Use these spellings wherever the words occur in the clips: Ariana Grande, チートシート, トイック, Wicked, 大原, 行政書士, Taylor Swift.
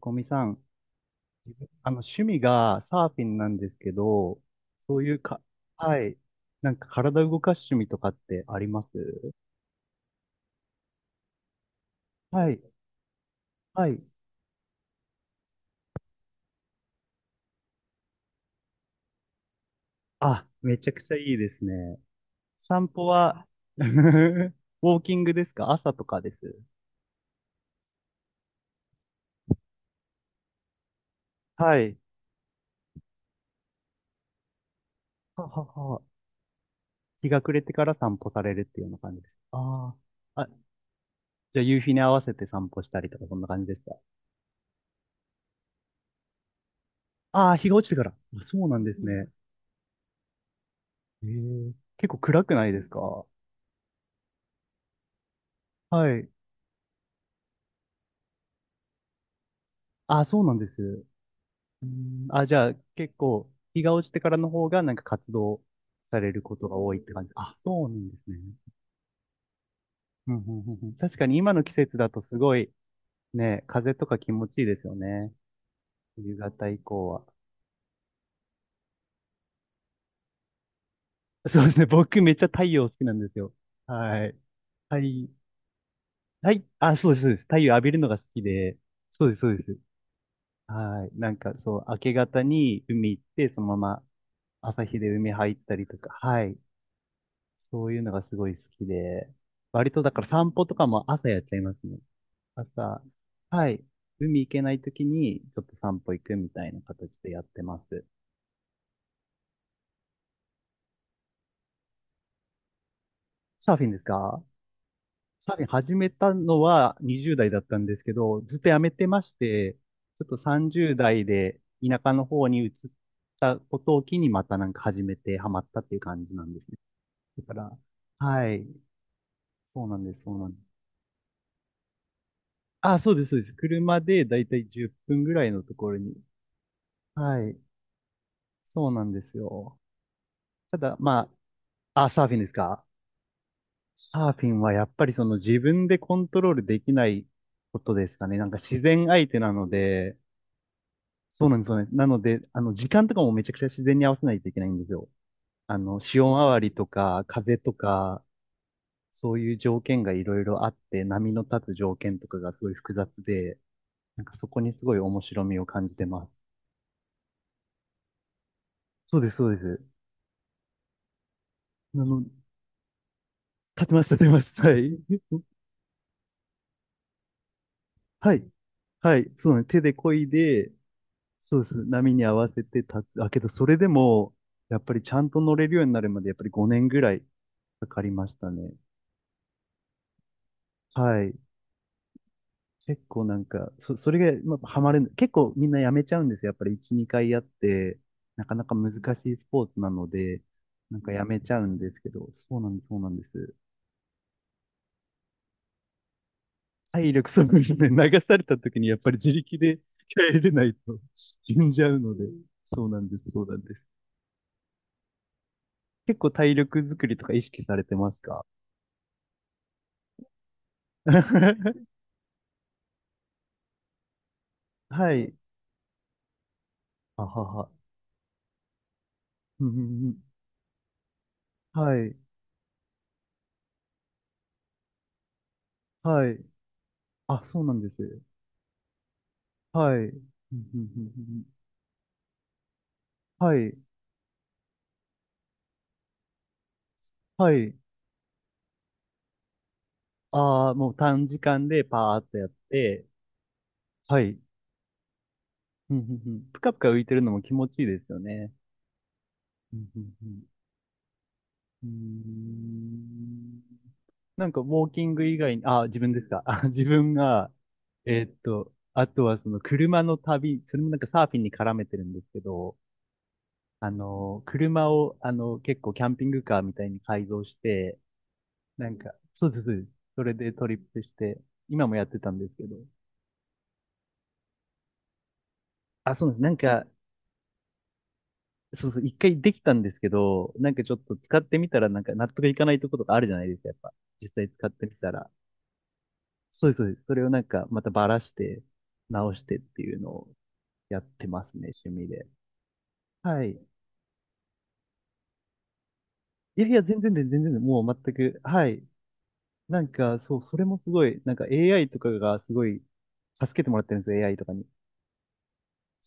こみさん、自分趣味がサーフィンなんですけど、そういうか、はい、なんか体動かす趣味とかってあります？はい、はい。あ、めちゃくちゃいいですね。散歩は、ウォーキングですか？朝とかです？はい。ははは。日が暮れてから散歩されるっていうような感じです？ああ。あ、じゃあ夕日に合わせて散歩したりとか、そんな感じですか？ああー、日が落ちてから。あ、そうなんですね。ええ、結構暗くないですか？はい。あ、そうなんです。うん、あ、じゃあ、結構、日が落ちてからの方が、なんか活動されることが多いって感じ。あ、そうなんですね。うんうんうんうん、確かに今の季節だとすごい、ね、風とか気持ちいいですよね。夕方以降は。そうですね。僕めっちゃ太陽好きなんですよ。はい。はい。はい。あ、そうです、そうです。太陽浴びるのが好きで。そうです、そうです。はい。なんかそう、明け方に海行って、そのまま朝日で海入ったりとか。はい。そういうのがすごい好きで、割とだから散歩とかも朝やっちゃいますね。朝、はい、海行けない時にちょっと散歩行くみたいな形でやってます。サーフィンですか？サーフィン始めたのは20代だったんですけど、ずっとやめてまして、ちょっと30代で田舎の方に移ったことを機にまたなんか始めてハマったっていう感じなんですね。だから、はい、そうなんです、そうなんです。あ、そうです、そうです。車でだいたい10分ぐらいのところに。はい。そうなんですよ。ただ、まあ、あ、サーフィンですか？サーフィンはやっぱりその自分でコントロールできないことですかね。なんか自然相手なので、そうなんですよね。なので、あの、時間とかもめちゃくちゃ自然に合わせないといけないんですよ。あの、潮回りとか、風とか、そういう条件がいろいろあって、波の立つ条件とかがすごい複雑で、なんかそこにすごい面白みを感じてます。そうです、そうです。あの、立てます、立てます。はい。はい。はい。そうね。手で漕いで、そうです。波に合わせて立つ。あ、けど、それでも、やっぱりちゃんと乗れるようになるまで、やっぱり5年ぐらいかかりましたね。はい。結構なんか、それが、まあ、ハマれる、結構みんなやめちゃうんですよ。やっぱり1、2回やって、なかなか難しいスポーツなので、なんかやめちゃうんですけど、そうなんです、そうなんです。体力、そうで すね。流された時にやっぱり自力で 帰れないと死んじゃうので、そうなんです、そうなんです。結構体力作りとか意識されてますか？ はい。あはは。うんうんうん、はい。はい。あ、そうなんです。はい。うんうんうんうん、はい。はい。ああ、もう短時間でパーっとやって、はい。うんうんうん、ぷかぷか浮いてるのも気持ちいいですよね。うんうんうん、うーん、なんか、ウォーキング以外に、あ、自分ですか。あ、自分が、あとはその車の旅、それもなんかサーフィンに絡めてるんですけど、あの、車を、あの、結構キャンピングカーみたいに改造して、なんか、そうです、そうです。それでトリップして、今もやってたんですけど。あ、そうです。なんか、そうそう、一回できたんですけど、なんかちょっと使ってみたら、なんか納得いかないところとかあるじゃないですか、やっぱ。実際使ってみたら。そうです、そうです。それをなんか、またばらして、直してっていうのをやってますね、趣味で。はい。いやいや、全然で、全然で、もう全く、はい。なんか、そう、それもすごい、なんか AI とかがすごい助けてもらってるんですよ、AI とかに。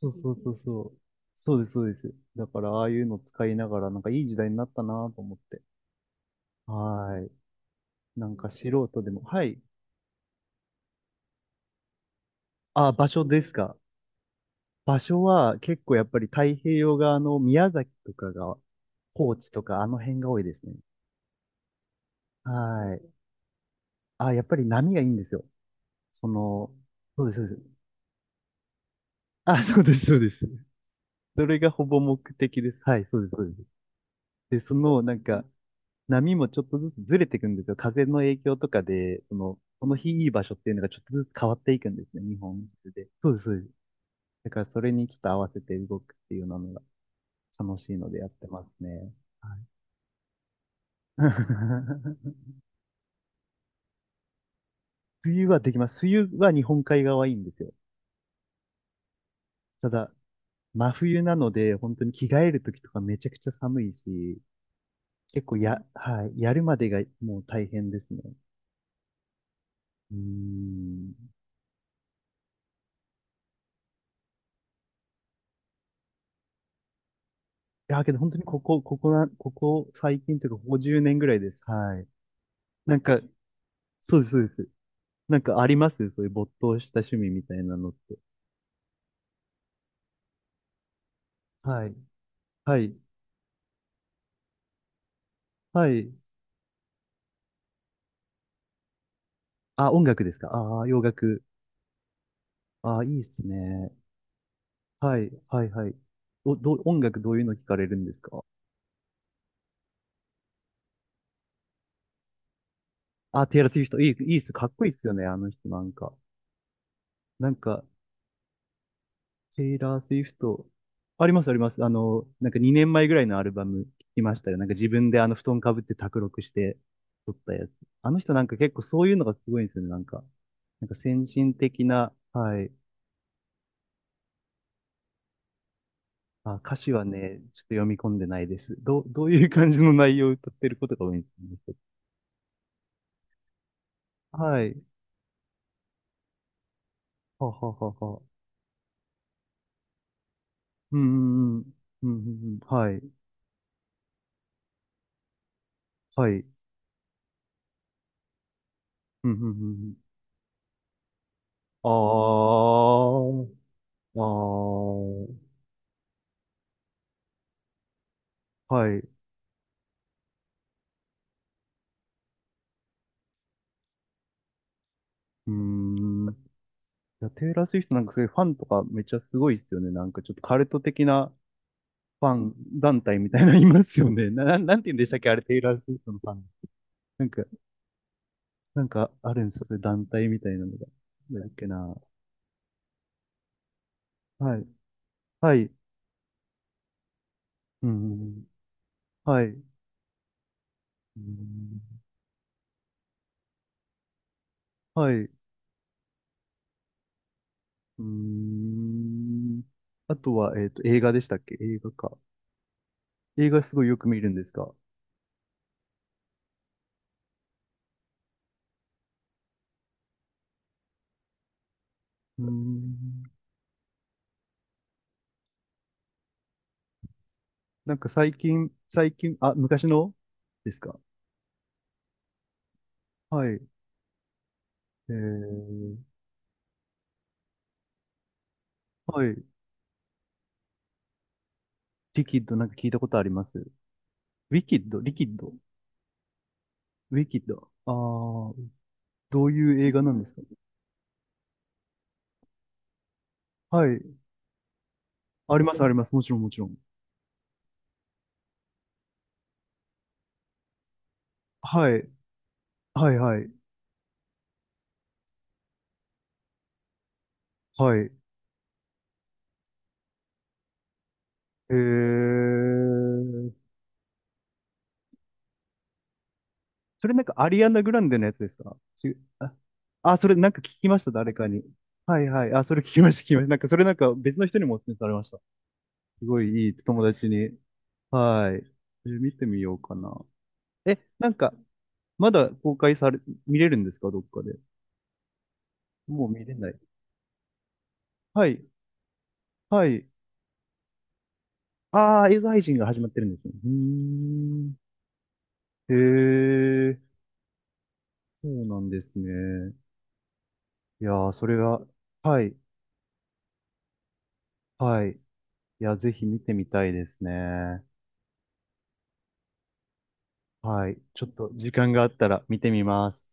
そうそうそうそう。そうです、そうです。だから、ああいうの使いながら、なんかいい時代になったなと思って。はい。なんか素人でも、はい。あ、場所ですか。場所は結構やっぱり太平洋側の宮崎とかが、高知とかあの辺が多いですね。はい。あ、やっぱり波がいいんですよ。その、そうです、そうです。あ、そうです、そうです。それがほぼ目的です。はい、そうです、そうです。で、その、なんか、波もちょっとずつずれていくんですよ。風の影響とかで、その、この日いい場所っていうのがちょっとずつ変わっていくんですね、日本中で。そうです、そうです。だからそれにちょっと合わせて動くっていうのが楽しいのでやってますね。はい。 冬はできます。冬は日本海側はいいんですよ。ただ、真冬なので、本当に着替える時とかめちゃくちゃ寒いし、結構や、はい、やるまでがもう大変ですね。うーん。いや、けど本当にここ、ここな、ここ最近というか、ここ10年ぐらいです。はい。なんか、そうです、そうです。なんかあります？そういう没頭した趣味みたいなのって。はい。はい。はい。あ、音楽ですか？ああー、洋楽。ああ、いいっすね。はい。はい、はい。お、どう、音楽どういうの聞かれるんですか？あ、テイラー・スウィフト。いい、いいっす。かっこいいっすよね、あの人なんか。なんか、テイラー・スウィフト。あります、あります。あの、なんか2年前ぐらいのアルバム聞きましたよ。なんか自分であの布団かぶって卓録して撮ったやつ。あの人なんか結構そういうのがすごいんですよね、なんか。なんか先進的な、はい。あ、歌詞はね、ちょっと読み込んでないです。どう、どういう感じの内容を歌ってることが多いんですね。はい。はははは。うんうんうん。うんうんうん。はい。はい。うんうんうんうん。ああ。ああ。はい。うーん。いや、テイラー・スウィフトなんかそういうファンとかめっちゃすごいっすよね。なんかちょっとカルト的なファン団体みたいなのいますよね。な、ななんて言うんでしたっけ、あれ、テイラー・スウィフトのファン。なんか、なんかあるんですよ。そういう団体みたいなのが。なんだっけな。はい。はい。うん。はい。うん。はい。うーん。あとは、映画でしたっけ？映画か。映画すごいよく見るんですか？うーん。なんか最近、最近、あ、昔のですか？はい。えー、はい。リキッド、なんか聞いたことあります。ウィキッド、リキッド、ウィキッド。ああ、どういう映画なんですか？はい。あります、あります。もちろん、もちろん。はい。はい、はい。はい。えー。それなんかアリアナ・グランデのやつですか？ちあ、あ、それなんか聞きました、誰かに。はいはい。あ、それ聞きました、聞きました。なんかそれなんか別の人にもお勧めされました。すごいいい友達に。はい。えー、見てみようかな。え、なんか、まだ公開され、見れるんですか？どっかで。もう見れない。はい。はい。ああ、映画配信が始まってるんですね。うーん。へえ、そうなんですね。いやー、それが、はい。はい。いや、ぜひ見てみたいですね。はい。ちょっと時間があったら見てみます。